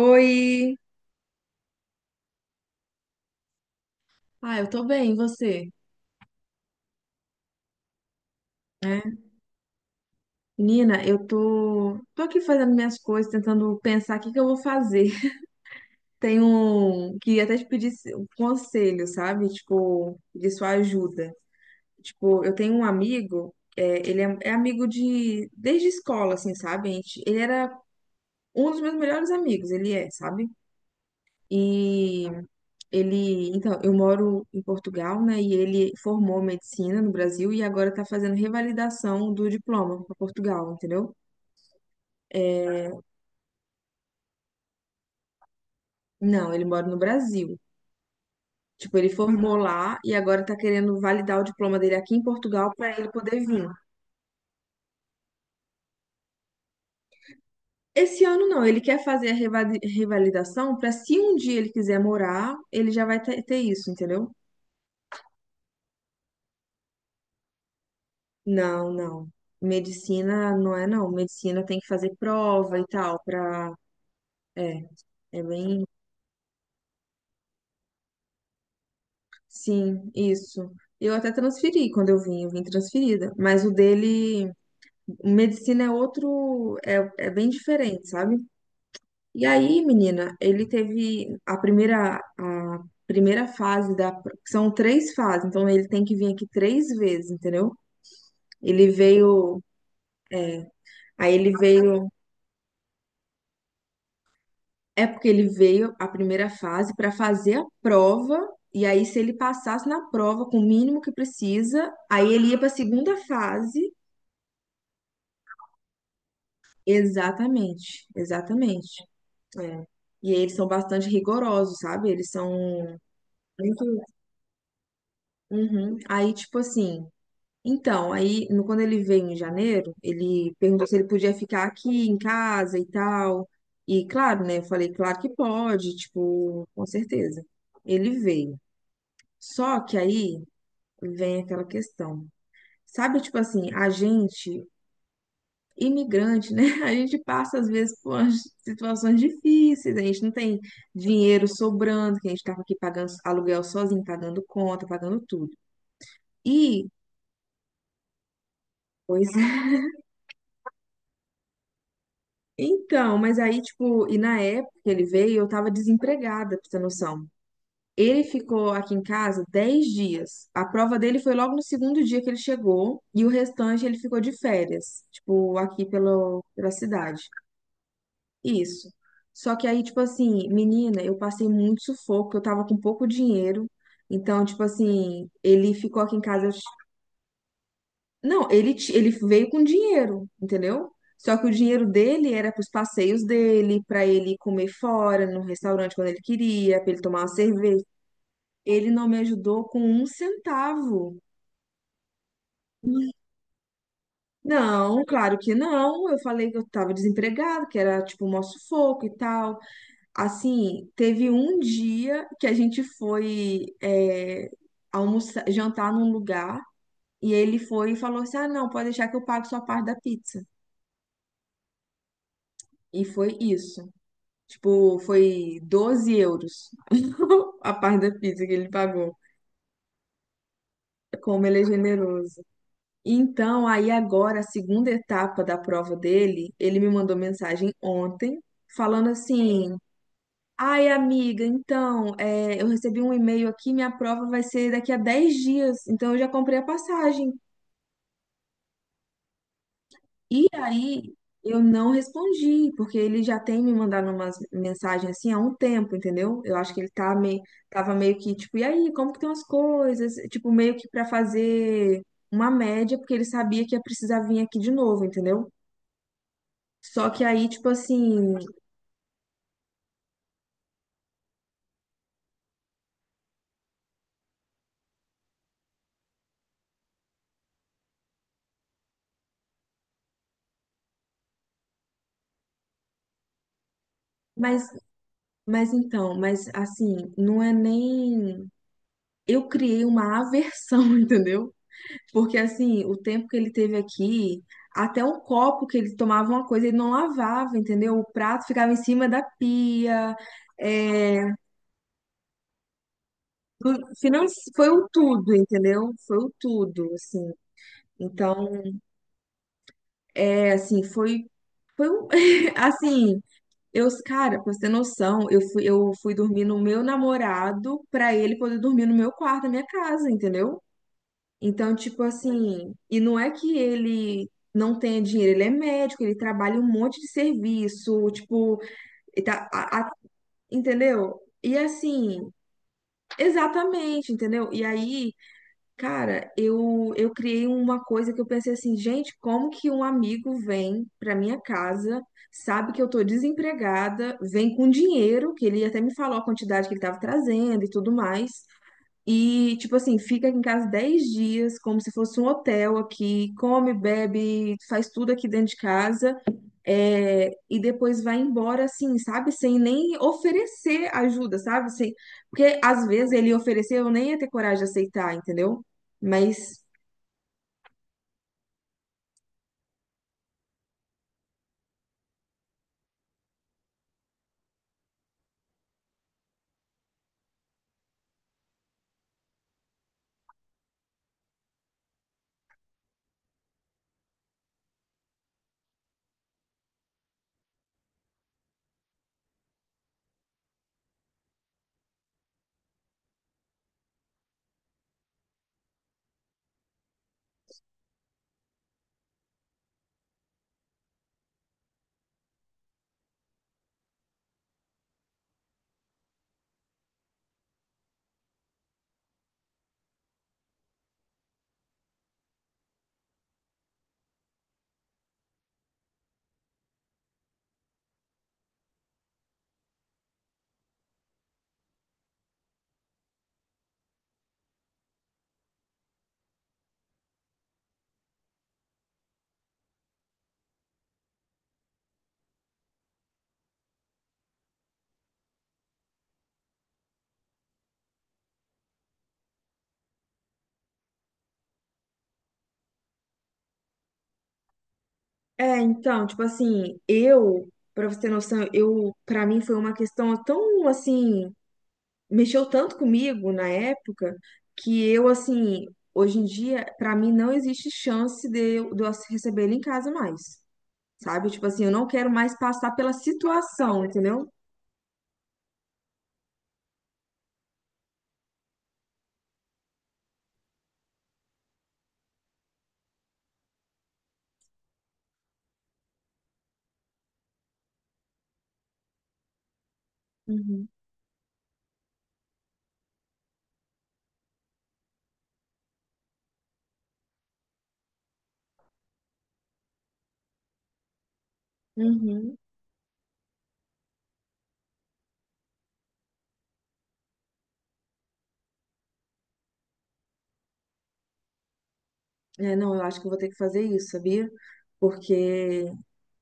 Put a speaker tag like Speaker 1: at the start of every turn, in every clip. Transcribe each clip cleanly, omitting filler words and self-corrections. Speaker 1: Oi! Ah, eu tô bem, e você? É. Menina, eu tô aqui fazendo minhas coisas, tentando pensar o que que eu vou fazer. Tenho queria até te pedir um conselho, sabe? Tipo, de sua ajuda. Tipo, eu tenho um amigo, é, ele é amigo desde escola, assim, sabe? Ele era um dos meus melhores amigos, ele é, sabe? E então, eu moro em Portugal, né? E ele formou medicina no Brasil e agora tá fazendo revalidação do diploma para Portugal, entendeu? Não, ele mora no Brasil. Tipo, ele formou lá e agora tá querendo validar o diploma dele aqui em Portugal para ele poder vir. Esse ano não, ele quer fazer a revalidação para se um dia ele quiser morar, ele já vai ter isso, entendeu? Não, não. Medicina não é não. Medicina tem que fazer prova e tal para é, é bem Sim, isso. Eu até transferi quando eu vim transferida. Mas o dele, medicina é outro, é bem diferente, sabe? E aí, menina, ele teve a primeira fase são três fases, então ele tem que vir aqui três vezes, entendeu? Ele veio, aí ele veio, é porque ele veio a primeira fase para fazer a prova. E aí, se ele passasse na prova com o mínimo que precisa, aí ele ia para a segunda fase. Exatamente, exatamente. É. E eles são bastante rigorosos, sabe? Eles são muito. Uhum. Aí, tipo assim. Então, aí, quando ele veio em janeiro, ele perguntou se ele podia ficar aqui em casa e tal. E, claro, né? Eu falei, claro que pode, tipo, com certeza. Ele veio. Só que aí vem aquela questão. Sabe, tipo assim, a gente imigrante, né? A gente passa, às vezes, por umas situações difíceis, a gente não tem dinheiro sobrando, que a gente estava aqui pagando aluguel sozinho, pagando conta, pagando tudo. E, pois é. Então, mas aí, tipo, e na época que ele veio, eu tava desempregada, pra você ter noção. Ele ficou aqui em casa 10 dias. A prova dele foi logo no segundo dia que ele chegou, e o restante ele ficou de férias, tipo, aqui pelo, pela cidade. Isso. Só que aí, tipo assim, menina, eu passei muito sufoco, eu tava com pouco dinheiro. Então, tipo assim, ele ficou aqui em casa. Não, ele veio com dinheiro, entendeu? Só que o dinheiro dele era pros passeios dele, pra ele comer fora, no restaurante quando ele queria, pra ele tomar uma cerveja. Ele não me ajudou com um centavo. Não, claro que não. Eu falei que eu tava desempregado, que era tipo um maior sufoco e tal. Assim, teve um dia que a gente foi almoçar, jantar num lugar e ele foi e falou assim: Ah, não, pode deixar que eu pago sua parte da pizza. E foi isso. Tipo, foi 12 euros a parte da pizza que ele pagou. Como ele é generoso. Então, aí agora, a segunda etapa da prova dele, ele me mandou mensagem ontem falando assim. Ai, amiga, então, é, eu recebi um e-mail aqui, minha prova vai ser daqui a 10 dias, então eu já comprei a passagem. E aí, eu não respondi, porque ele já tem me mandado umas mensagens assim há um tempo, entendeu? Eu acho que ele tá me, tava meio que, tipo, e aí, como que estão as coisas? Tipo, meio que para fazer uma média, porque ele sabia que ia precisar vir aqui de novo, entendeu? Só que aí, tipo assim, mas, mas então, mas assim, não é nem. Eu criei uma aversão, entendeu? Porque assim, o tempo que ele teve aqui, até o copo que ele tomava uma coisa, ele não lavava, entendeu? O prato ficava em cima da pia. É, do- finan- foi o tudo, entendeu? Foi o tudo, assim. Então, é assim, foi um- assim, cara, pra você ter noção, eu fui dormir no meu namorado pra ele poder dormir no meu quarto, na minha casa, entendeu? Então, tipo assim, e não é que ele não tenha dinheiro, ele é médico, ele trabalha um monte de serviço, tipo, ele tá, entendeu? E assim, exatamente, entendeu? E aí, cara, eu criei uma coisa que eu pensei assim, gente, como que um amigo vem pra minha casa, sabe que eu tô desempregada, vem com dinheiro, que ele até me falou a quantidade que ele tava trazendo e tudo mais. E, tipo assim, fica aqui em casa 10 dias, como se fosse um hotel aqui, come, bebe, faz tudo aqui dentro de casa, é, e depois vai embora, assim, sabe? Sem nem oferecer ajuda, sabe? Sem, porque às vezes ele ofereceu, eu nem ia ter coragem de aceitar, entendeu? Mas, é, então, tipo assim, pra você ter noção, pra mim foi uma questão tão, assim. Mexeu tanto comigo na época que hoje em dia, pra mim não existe chance de eu receber ele em casa mais, sabe? Tipo assim, eu não quero mais passar pela situação, entendeu? Uhum. Uhum. É, não, eu acho que eu vou ter que fazer isso, sabia? Porque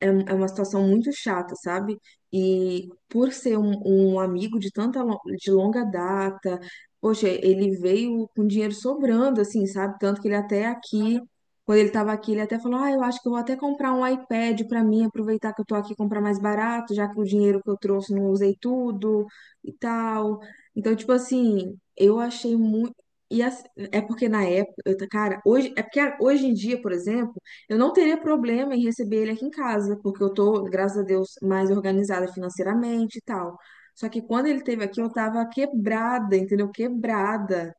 Speaker 1: é uma situação muito chata, sabe? E por ser um amigo de tanta de longa data, poxa, ele veio com dinheiro sobrando, assim, sabe? Tanto que ele até aqui, quando ele estava aqui, ele até falou: Ah, eu acho que eu vou até comprar um iPad para mim, aproveitar que eu tô aqui e comprar mais barato, já que o dinheiro que eu trouxe não usei tudo e tal. Então, tipo assim, eu achei muito. E as- é porque na época, cara, hoje, é porque hoje em dia, por exemplo. Eu não teria problema em receber ele aqui em casa, porque eu tô, graças a Deus, mais organizada financeiramente e tal. Só que quando ele esteve aqui, eu tava quebrada, entendeu? Quebrada.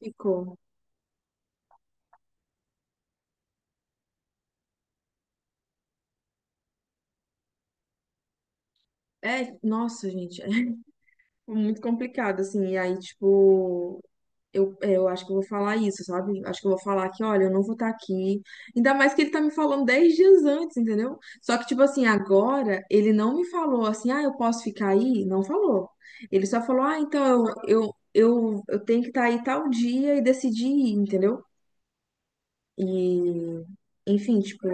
Speaker 1: Ficou. É, nossa, gente. Muito complicado, assim, e aí, tipo, eu acho que eu vou falar isso, sabe? Acho que eu vou falar que, olha, eu não vou estar aqui. Ainda mais que ele tá me falando 10 dias antes, entendeu? Só que, tipo assim, agora, ele não me falou assim, ah, eu posso ficar aí? Não falou. Ele só falou, ah, então eu tenho que estar aí tal dia e decidir, ir, entendeu? E, enfim, tipo,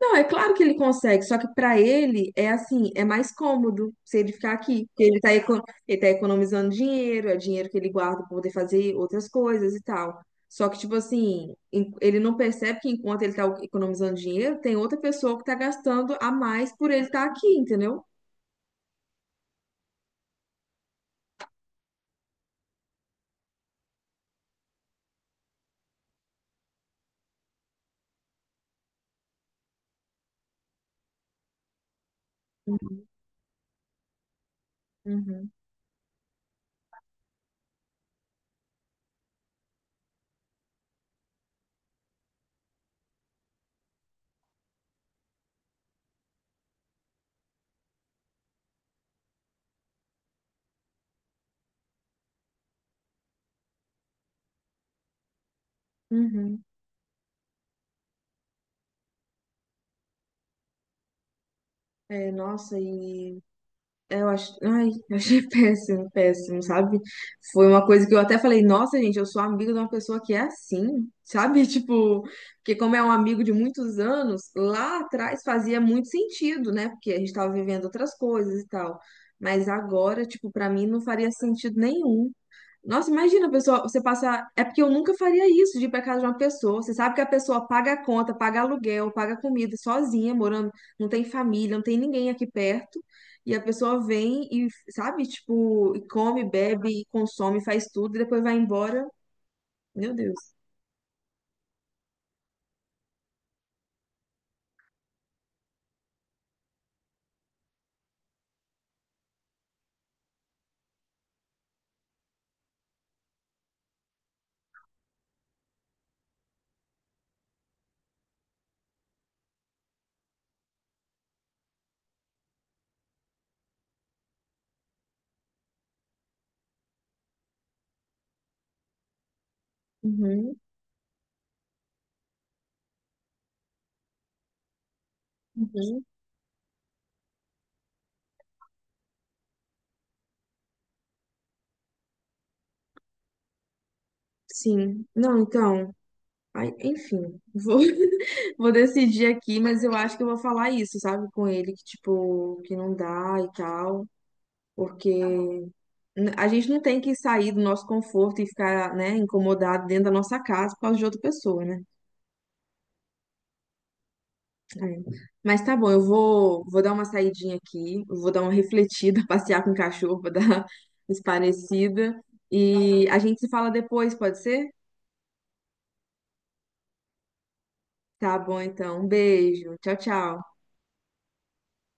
Speaker 1: não, é claro que ele consegue, só que para ele é assim, é mais cômodo se ele ficar aqui, porque ele tá economizando dinheiro, é dinheiro que ele guarda para poder fazer outras coisas e tal. Só que, tipo assim, ele não percebe que enquanto ele tá economizando dinheiro, tem outra pessoa que tá gastando a mais por ele estar aqui, entendeu? Uhum, uhum. É, nossa, ai, eu achei péssimo, péssimo, sabe? Foi uma coisa que eu até falei, nossa, gente, eu sou amigo de uma pessoa que é assim, sabe? Tipo, porque como é um amigo de muitos anos, lá atrás fazia muito sentido, né? Porque a gente tava vivendo outras coisas e tal. Mas agora, tipo, pra mim não faria sentido nenhum. Nossa, imagina, a pessoa, você passar. É porque eu nunca faria isso de ir pra casa de uma pessoa. Você sabe que a pessoa paga a conta, paga aluguel, paga comida sozinha, morando, não tem família, não tem ninguém aqui perto. E a pessoa vem e, sabe, tipo, e come, bebe, e consome, faz tudo, e depois vai embora. Meu Deus. Uhum, uhum, sim. Não, então, ai, enfim, vou, vou decidir aqui, mas eu acho que eu vou falar isso, sabe, com ele, que, tipo, que não dá e tal, porque a gente não tem que sair do nosso conforto e ficar, né, incomodado dentro da nossa casa por causa de outra pessoa, né? É. Mas tá bom, eu vou dar uma saidinha aqui, eu vou dar uma refletida, passear com o cachorro para dar uma esparecida. E a gente se fala depois, pode ser? Tá bom, então. Um beijo. Tchau, tchau.